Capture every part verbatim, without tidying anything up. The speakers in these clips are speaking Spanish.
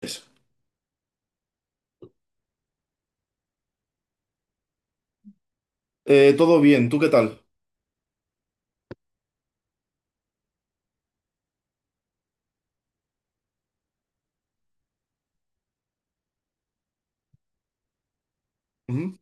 Eso. Eh, todo bien, ¿tú qué tal? Ujú.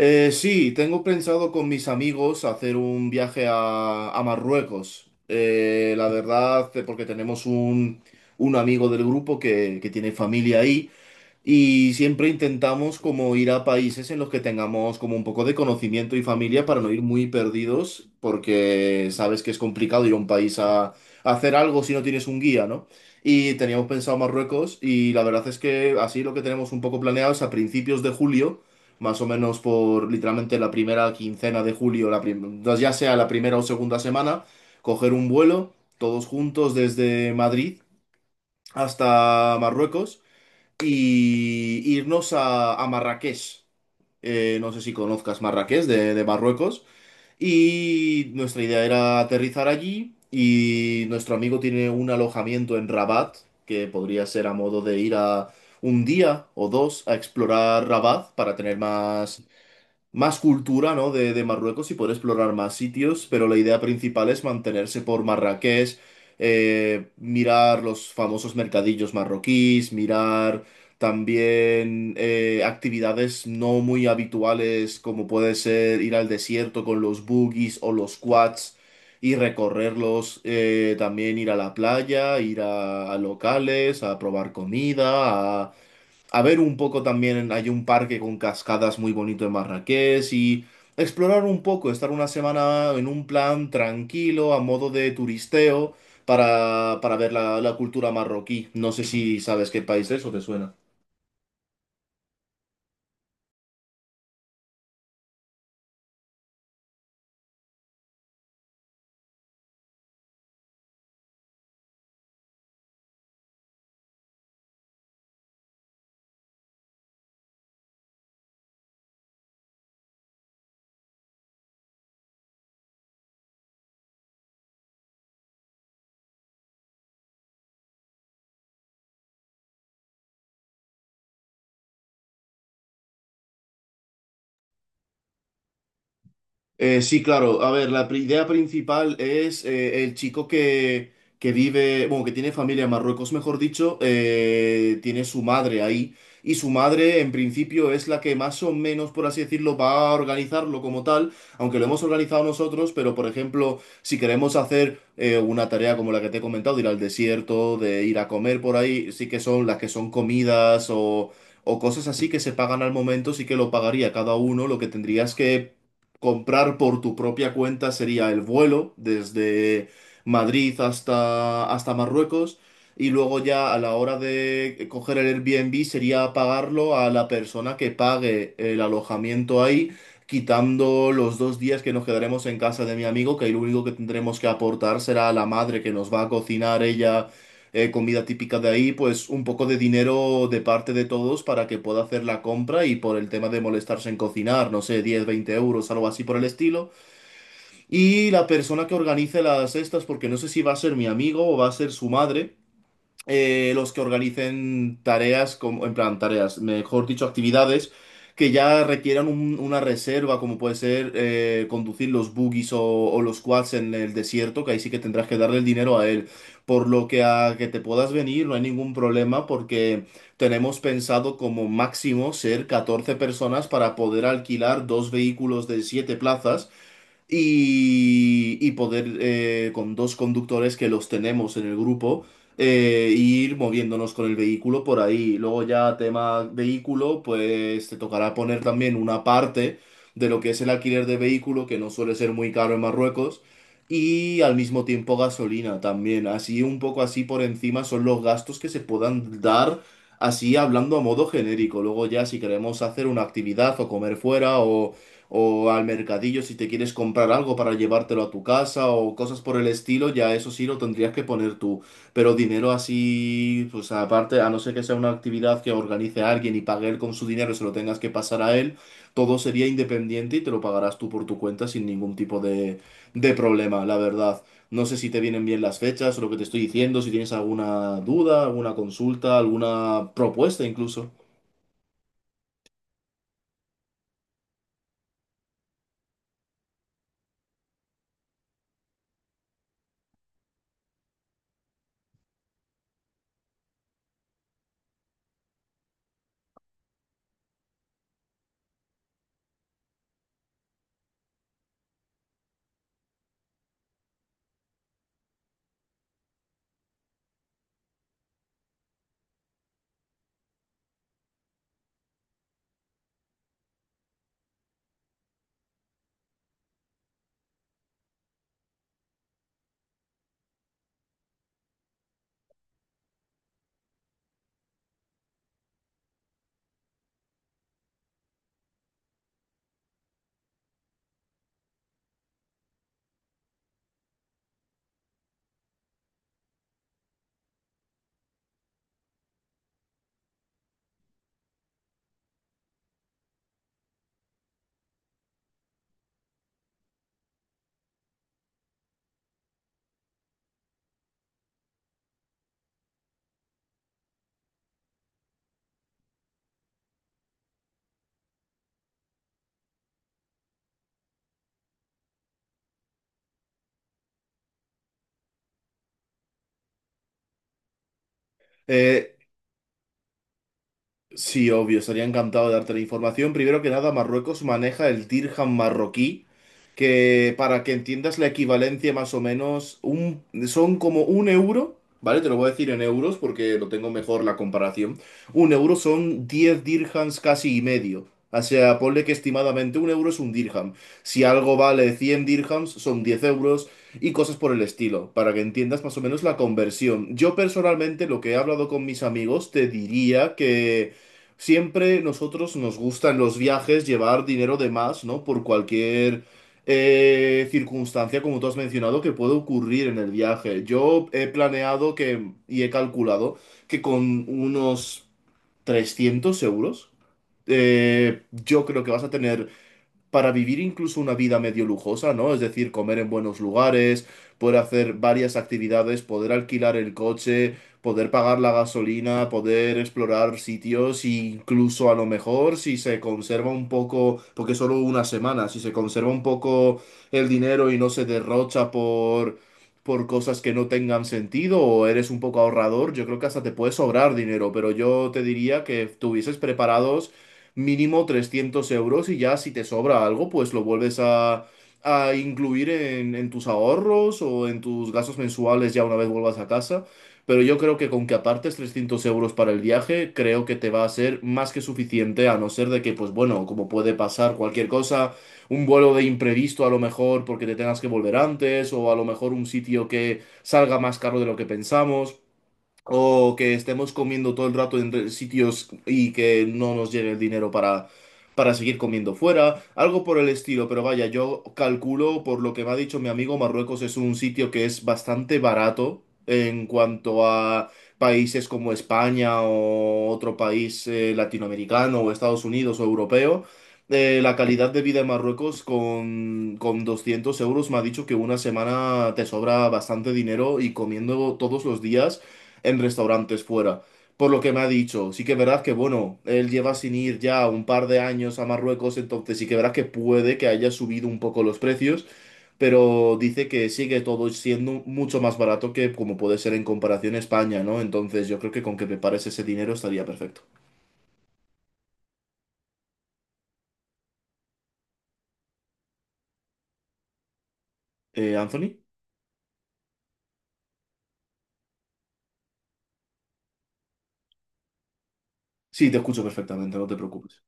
Eh, sí, tengo pensado con mis amigos hacer un viaje a, a Marruecos. Eh, la verdad, eh, porque tenemos un, un amigo del grupo que, que tiene familia ahí. Y siempre intentamos como ir a países en los que tengamos como un poco de conocimiento y familia para no ir muy perdidos, porque sabes que es complicado ir a un país a, a hacer algo si no tienes un guía, ¿no? Y teníamos pensado Marruecos y la verdad es que así lo que tenemos un poco planeado es a principios de julio, más o menos por literalmente la primera quincena de julio, la prim- no, ya sea la primera o segunda semana, coger un vuelo todos juntos desde Madrid hasta Marruecos y irnos a, a Marrakech. Eh, no sé si conozcas Marrakech de, de Marruecos. Y nuestra idea era aterrizar allí. Y nuestro amigo tiene un alojamiento en Rabat, que podría ser a modo de ir a un día o dos a explorar Rabat para tener más más cultura, ¿no? de, de Marruecos y poder explorar más sitios, pero la idea principal es mantenerse por Marrakech, eh, mirar los famosos mercadillos marroquíes, mirar también eh, actividades no muy habituales como puede ser ir al desierto con los buggies o los quads. Y recorrerlos, eh, también ir a la playa, ir a, a locales, a probar comida, a ver un poco también, hay un parque con cascadas muy bonito en Marrakech y explorar un poco, estar una semana en un plan tranquilo, a modo de turisteo, para, para ver la, la cultura marroquí. No sé si sabes qué país es o te suena. Eh, sí, claro. A ver, la pri- idea principal es eh, el chico que, que vive, bueno, que tiene familia en Marruecos, mejor dicho, eh, tiene su madre ahí. Y su madre, en principio, es la que más o menos, por así decirlo, va a organizarlo como tal, aunque lo hemos organizado nosotros, pero por ejemplo, si queremos hacer eh, una tarea como la que te he comentado, de ir al desierto, de ir a comer por ahí, sí que son las que son comidas o, o cosas así que se pagan al momento, sí que lo pagaría cada uno, lo que tendrías que comprar por tu propia cuenta sería el vuelo desde Madrid hasta, hasta Marruecos y luego ya a la hora de coger el Airbnb sería pagarlo a la persona que pague el alojamiento ahí, quitando los dos días que nos quedaremos en casa de mi amigo, que ahí lo único que tendremos que aportar será a la madre que nos va a cocinar ella eh, comida típica de ahí, pues un poco de dinero de parte de todos para que pueda hacer la compra y por el tema de molestarse en cocinar, no sé, diez veinte euros, algo así por el estilo. Y la persona que organice las estas, porque no sé si va a ser mi amigo o va a ser su madre eh, los que organicen tareas, como, en plan, tareas, mejor dicho, actividades que ya requieran un- una reserva, como puede ser eh, conducir los buggies o, o los quads en el desierto, que ahí sí que tendrás que darle el dinero a él. Por lo que a que te puedas venir no hay ningún problema porque tenemos pensado como máximo ser catorce personas para poder alquilar dos vehículos de siete plazas y, y poder eh, con dos conductores que los tenemos en el grupo eh, ir moviéndonos con el vehículo por ahí. Luego ya tema vehículo, pues te tocará poner también una parte de lo que es el alquiler de vehículo, que no suele ser muy caro en Marruecos. Y al mismo tiempo gasolina también. Así un poco así por encima son los gastos que se puedan dar así hablando a modo genérico. Luego ya si queremos hacer una actividad o comer fuera o, o al mercadillo si te quieres comprar algo para llevártelo a tu casa o cosas por el estilo, ya eso sí lo tendrías que poner tú. Pero dinero así, pues aparte, a no ser que sea una actividad que organice alguien y pague él con su dinero y se lo tengas que pasar a él, todo sería independiente y te lo pagarás tú por tu cuenta sin ningún tipo de, de problema, la verdad. No sé si te vienen bien las fechas o lo que te estoy diciendo, si tienes alguna duda, alguna consulta, alguna propuesta incluso. Eh, Sí, obvio, estaría encantado de darte la información. Primero que nada, Marruecos maneja el dirham marroquí, que para que entiendas la equivalencia más o menos, un, son como un euro, ¿vale? Te lo voy a decir en euros porque lo tengo mejor la comparación. Un euro son diez dirhams casi y medio. O sea, ponle que estimadamente un euro es un dirham. Si algo vale cien dirhams, son diez euros y cosas por el estilo, para que entiendas más o menos la conversión. Yo personalmente, lo que he hablado con mis amigos, te diría que… Siempre nosotros nos gusta en los viajes llevar dinero de más, ¿no? Por cualquier eh, circunstancia, como tú has mencionado, que puede ocurrir en el viaje. Yo he planeado que, y he calculado que con unos trescientos euros, eh, yo creo que vas a tener para vivir incluso una vida medio lujosa, ¿no? Es decir, comer en buenos lugares, poder hacer varias actividades, poder alquilar el coche, poder pagar la gasolina, poder explorar sitios, e incluso a lo mejor si se conserva un poco, porque solo una semana, si se conserva un poco el dinero y no se derrocha por por cosas que no tengan sentido o eres un poco ahorrador, yo creo que hasta te puede sobrar dinero, pero yo te diría que tuvieses preparados mínimo trescientos euros y ya si te sobra algo, pues lo vuelves a, a incluir en, en tus ahorros o en tus gastos mensuales ya una vez vuelvas a casa. Pero yo creo que con que apartes trescientos euros para el viaje, creo que te va a ser más que suficiente, a no ser de que, pues bueno, como puede pasar cualquier cosa, un vuelo de imprevisto a lo mejor porque te tengas que volver antes, o a lo mejor un sitio que salga más caro de lo que pensamos. O que estemos comiendo todo el rato en re- sitios y que no nos llegue el dinero para, para seguir comiendo fuera, algo por el estilo, pero vaya, yo calculo, por lo que me ha dicho mi amigo, Marruecos es un sitio que es bastante barato en cuanto a países como España o otro país eh, latinoamericano o Estados Unidos o europeo. Eh, la calidad de vida en Marruecos con, con doscientos euros me ha dicho que una semana te sobra bastante dinero y comiendo todos los días en restaurantes fuera. Por lo que me ha dicho, sí que verás que, bueno, él lleva sin ir ya un par de años a Marruecos, entonces sí que verás que puede que haya subido un poco los precios, pero dice que sigue todo siendo mucho más barato que como puede ser en comparación a España, ¿no? Entonces yo creo que con que prepares ese dinero estaría perfecto. Eh, Anthony, sí, te escucho perfectamente, no te preocupes.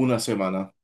Una semana.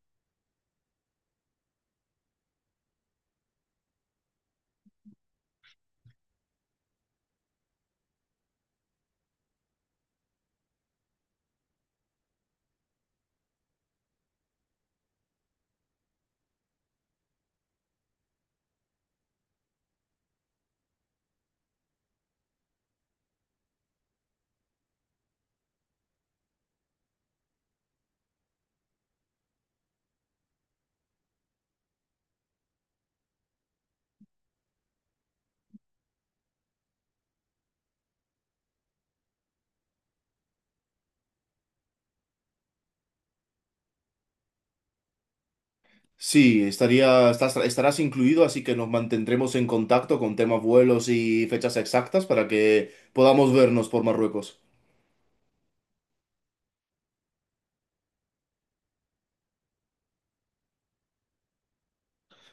Sí, estaría, estás- estarás incluido, así que nos mantendremos en contacto con temas vuelos y fechas exactas para que podamos vernos por Marruecos.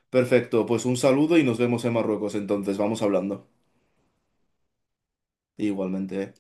Perfecto, pues un saludo y nos vemos en Marruecos entonces, vamos hablando. Igualmente. eh.